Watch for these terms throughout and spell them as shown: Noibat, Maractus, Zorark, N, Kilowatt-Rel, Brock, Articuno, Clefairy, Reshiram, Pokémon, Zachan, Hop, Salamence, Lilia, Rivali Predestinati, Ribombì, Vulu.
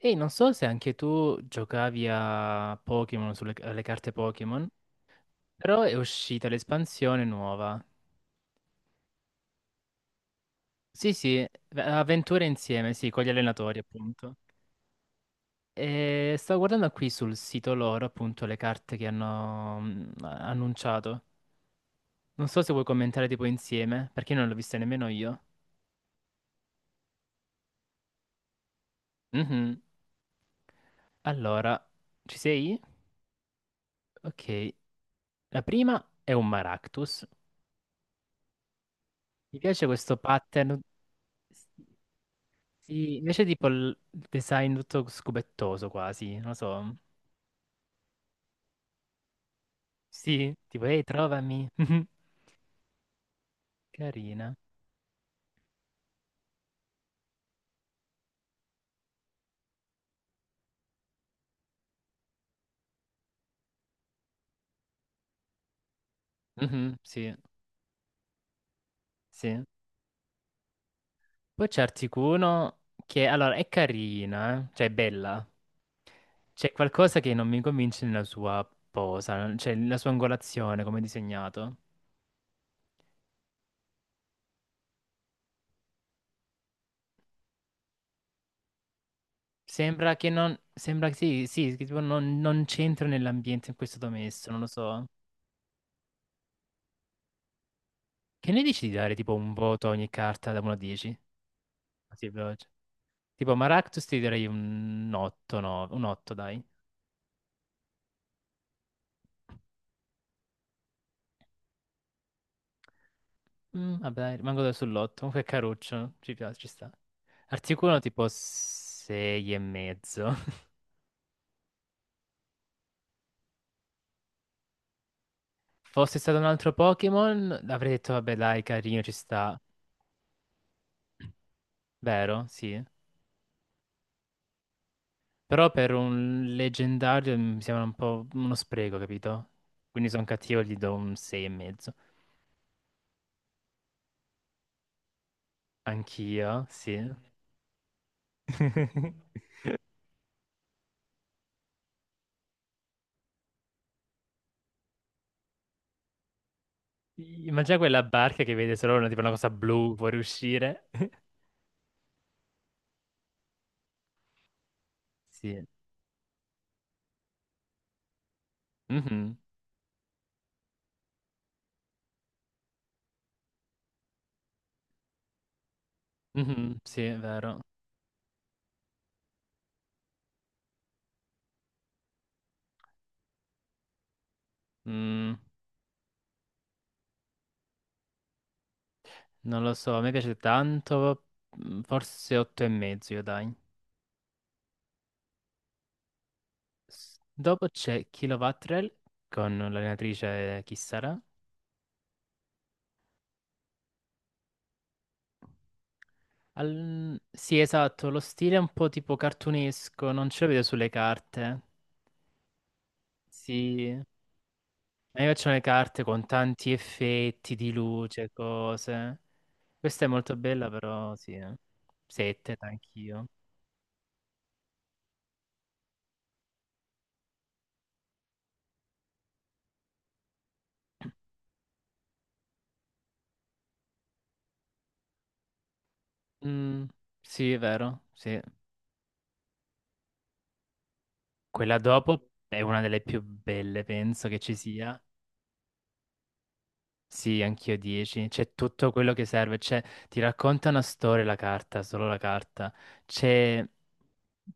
Ehi, non so se anche tu giocavi a Pokémon, sulle alle carte Pokémon, però è uscita l'espansione nuova. Sì, sì, avventure insieme, sì, con gli allenatori, appunto. E stavo guardando qui sul sito loro, appunto, le carte che hanno annunciato. Non so se vuoi commentare tipo insieme, perché non l'ho vista nemmeno io. Mhm. Allora, ci sei? Ok, la prima è un Maractus. Mi piace questo pattern. Sì, invece tipo il design tutto scubettoso quasi, non lo so. Sì, tipo ehi, trovami. Carina. Mhm, sì, sì. Poi c'è Articuno che, allora, è carina, cioè è bella. C'è qualcosa che non mi convince nella sua posa, cioè nella sua angolazione, come è disegnato. Sembra che non, sembra che sì, sì, che tipo non c'entra nell'ambiente in cui è stato messo, non lo so. Che ne dici di dare tipo un voto a ogni carta da 1 a 10? Così veloce. Tipo Maractus ti direi un 8, no, un 8 dai. Vabbè, dai, rimango da sull'8, comunque è caruccio, ci piace, ci sta. Articuno tipo 6 e mezzo. Fosse stato un altro Pokémon, avrei detto vabbè dai, carino, ci sta. Vero? Sì. Però per un leggendario mi sembra un po' uno spreco, capito? Quindi sono cattivo, gli do un 6 e mezzo. Anch'io, sì. Immagina quella barca che vede solo una, tipo una cosa blu fuoriuscire. Sì. Mhm, mhm, sì, è vero. Mm, non lo so, a me piace tanto, forse 8 e mezzo, io dai. Dopo c'è Kilowatt-Rel con l'allenatrice chi sarà. Sì, esatto, lo stile è un po' tipo cartunesco, non ce lo vedo sulle carte. Sì, a me piacciono le carte con tanti effetti di luce, cose. Questa è molto bella, però sì. Eh. Sette, anch'io. Mm, sì, è vero, sì. Quella dopo è una delle più belle, penso che ci sia. Sì, anch'io 10. C'è tutto quello che serve. C'è, ti racconta una storia la carta, solo la carta. C'è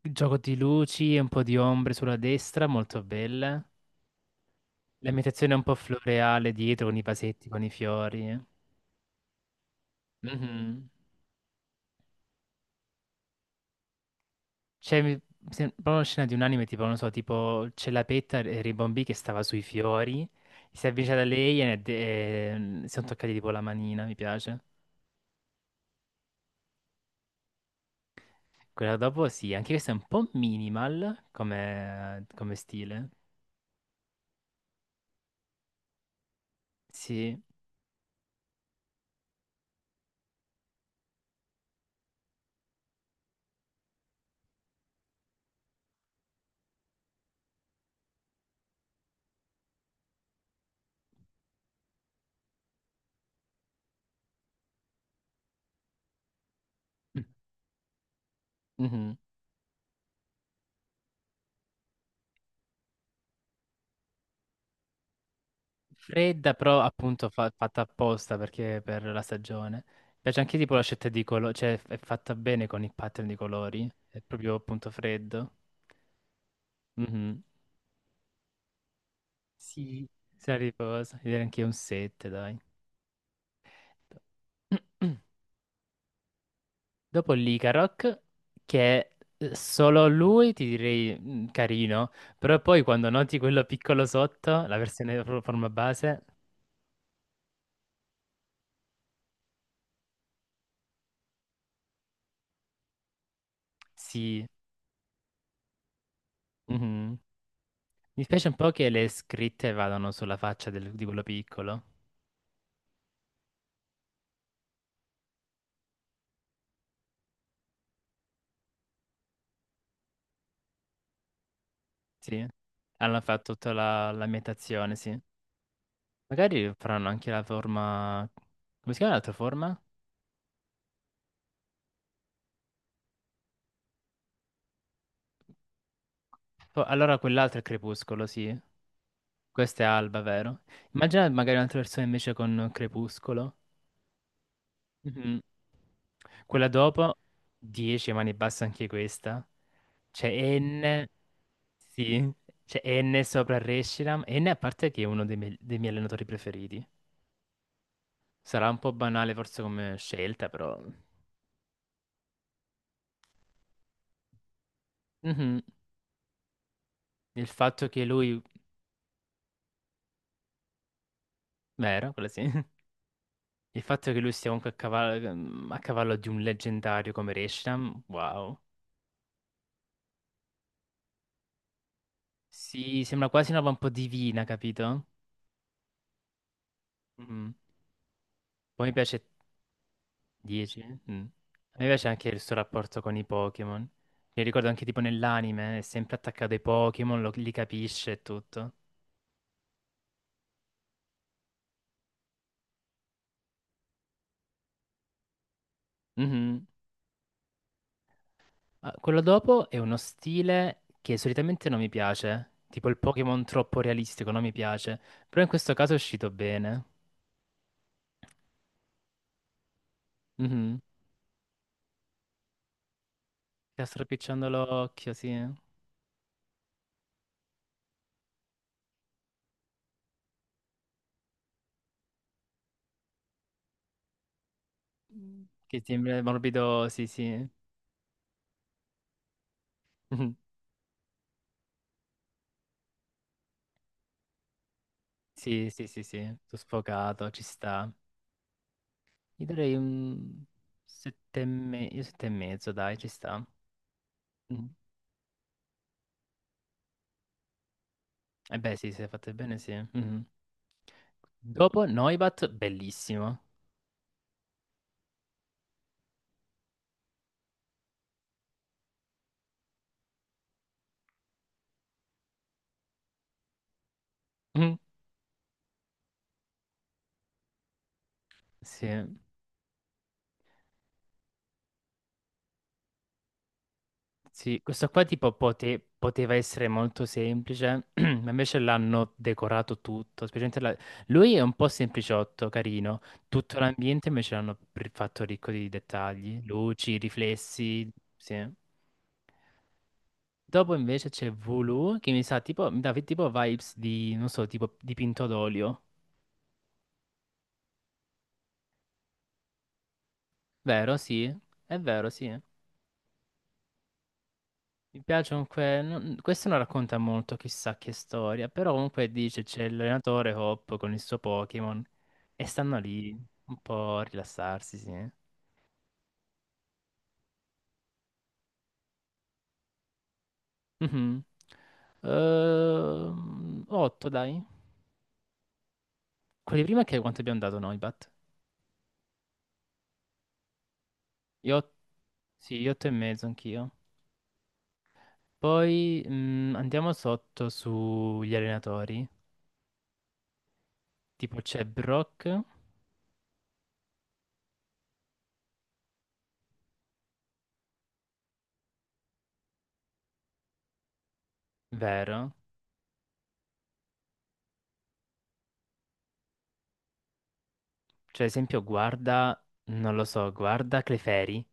il gioco di luci e un po' di ombre sulla destra, molto belle. L'ambientazione è un po' floreale dietro, con i vasetti, con i fiori. Mhm. C'è mi- se- Proprio una scena di un anime, tipo, non so, tipo c'è la petta e Ribombì che stava sui fiori. Si è avvicinata a lei e, si sono toccati tipo la manina, mi piace. Quella dopo sì, anche questa è un po' minimal come stile. Sì. Mhm. Fredda, però appunto fatta apposta perché per la stagione. Mi piace anche tipo la scelta di colori, cioè è fatta bene con il pattern di colori. È proprio appunto freddo. Mhm. Sì. Se riposa, direi anche un 7, dai. Dopo l'Icaroc, che solo lui ti direi carino, però poi quando noti quello piccolo sotto, la versione forma base, sì. Mhm. Mi spiace un po' che le scritte vadano sulla faccia di quello piccolo. Sì. Hanno fatto tutta l'ambientazione, sì. Magari faranno anche la forma. Come si chiama l'altra forma? Allora quell'altro è crepuscolo, sì. Questa è alba, vero? Immagina magari un'altra versione invece con crepuscolo. Mhm. Quella dopo, 10, ma ne basta anche questa. C'è N, sì, c'è N sopra Reshiram. N a parte che è uno dei miei allenatori preferiti. Sarà un po' banale forse come scelta, però. Mhm. Il fatto che lui. Vero, quella sì. Il fatto che lui sia comunque a cavallo di un leggendario come Reshiram, wow. Sì, sembra quasi una roba un po' divina, capito? Mhm. Poi mi piace 10? Mm. A me piace anche il suo rapporto con i Pokémon. Mi ricordo anche tipo nell'anime, è sempre attaccato ai Pokémon, li capisce e tutto. Mhm. Ah, quello dopo è uno stile che solitamente non mi piace, tipo il Pokémon troppo realistico, non mi piace, però in questo caso è uscito bene. Mhm. Sta stropicciando l'occhio, sì. Mm. Che sembra morbido, sì, sì. Mhm. Sì, sì, sì, sì, sto sfocato, ci sta. Gli darei un sette e, io sette e mezzo, dai, ci sta. Mhm. Eh beh, sì, se fate bene, sì. Mhm. Dopo Noibat, bellissimo. Mhm. Sì, sì, questo qua tipo poteva essere molto semplice, ma invece l'hanno decorato tutto, specialmente lui è un po' sempliciotto, carino. Tutto l'ambiente invece l'hanno fatto ricco di dettagli, luci, riflessi, sì. Dopo invece c'è Vulu che mi sa tipo, mi dà tipo vibes di, non so, tipo dipinto d'olio. Vero, sì. È vero, sì. Mi piace comunque, questo non racconta molto chissà che storia, però comunque dice c'è l'allenatore Hop con il suo Pokémon e stanno lì un po' a rilassarsi, sì. Mhm. 8 dai. Quelli prima che quanto abbiamo dato noi, Bat? Io, sì, 8 e mezzo anch'io. Poi andiamo sotto sugli allenatori. Tipo c'è Brock, vero? Cioè, ad esempio, guarda, non lo so, guarda Clefairy.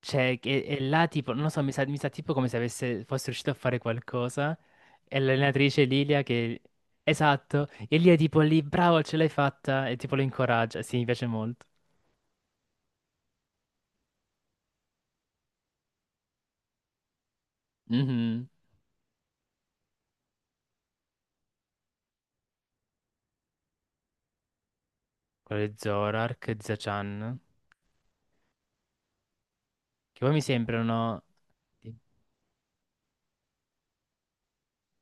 Cioè, là tipo, non lo so, mi sa tipo come se avesse, fosse riuscito a fare qualcosa. E l'allenatrice Lilia che. Esatto, e lì è tipo lì, bravo, ce l'hai fatta, e tipo lo incoraggia. Sì, mi piace molto. Mhm. Quello di Zorark, Zachan, che poi mi sembrano.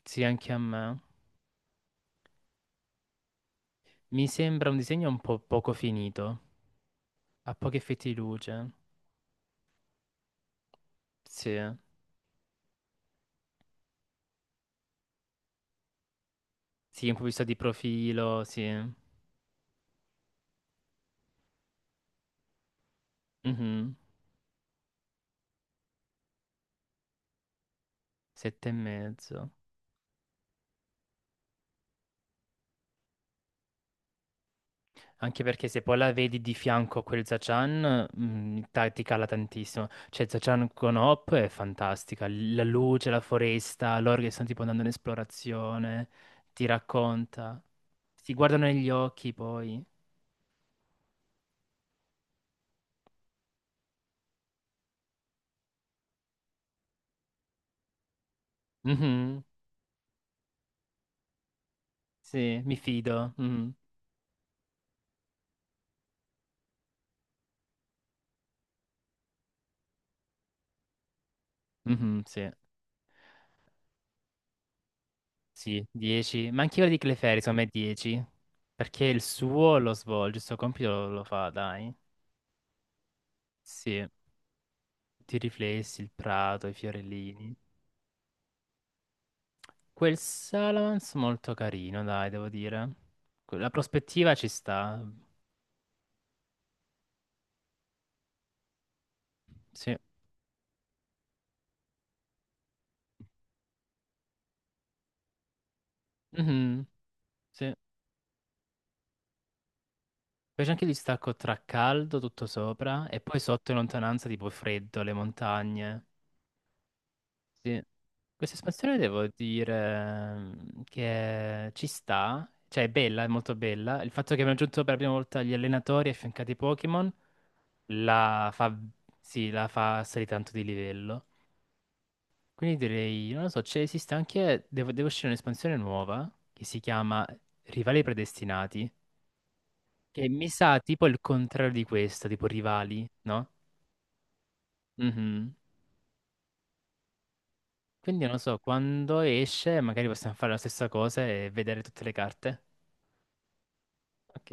Sì, anche a me. Mi sembra un disegno un po' poco finito, ha pochi effetti di luce. Sì, sì, un po' visto di profilo, sì. Mhm. Sette e mezzo. Anche perché se poi la vedi di fianco a quel Zachan, ti cala tantissimo. Cioè, Zachan con Hop è fantastica. La luce, la foresta, loro che stanno tipo andando in esplorazione, ti racconta. Si guardano negli occhi poi. Mhm. Sì, mi fido. Mhm. Mhm, sì. Sì, 10, ma anche quello di Clefairy, secondo me 10, perché il suo lo svolge, il suo compito lo fa, dai. Sì, i riflessi, il prato, i fiorellini. Quel Salamence molto carino, dai, devo dire. La prospettiva ci sta, sì. Mhm, sì. Poi c'è anche il distacco tra caldo tutto sopra e poi sotto in lontananza tipo freddo, le montagne. Sì. Questa espansione devo dire che ci sta, cioè è bella, è molto bella. Il fatto che abbiamo aggiunto per la prima volta gli allenatori affiancati ai Pokémon la fa, sì, la fa salire tanto di livello. Quindi direi, non lo so, c'è esiste anche, deve uscire un'espansione nuova che si chiama Rivali Predestinati, che mi sa tipo il contrario di questa, tipo Rivali, no? Mhm. Quindi non lo so, quando esce magari possiamo fare la stessa cosa e vedere tutte le carte. Ok.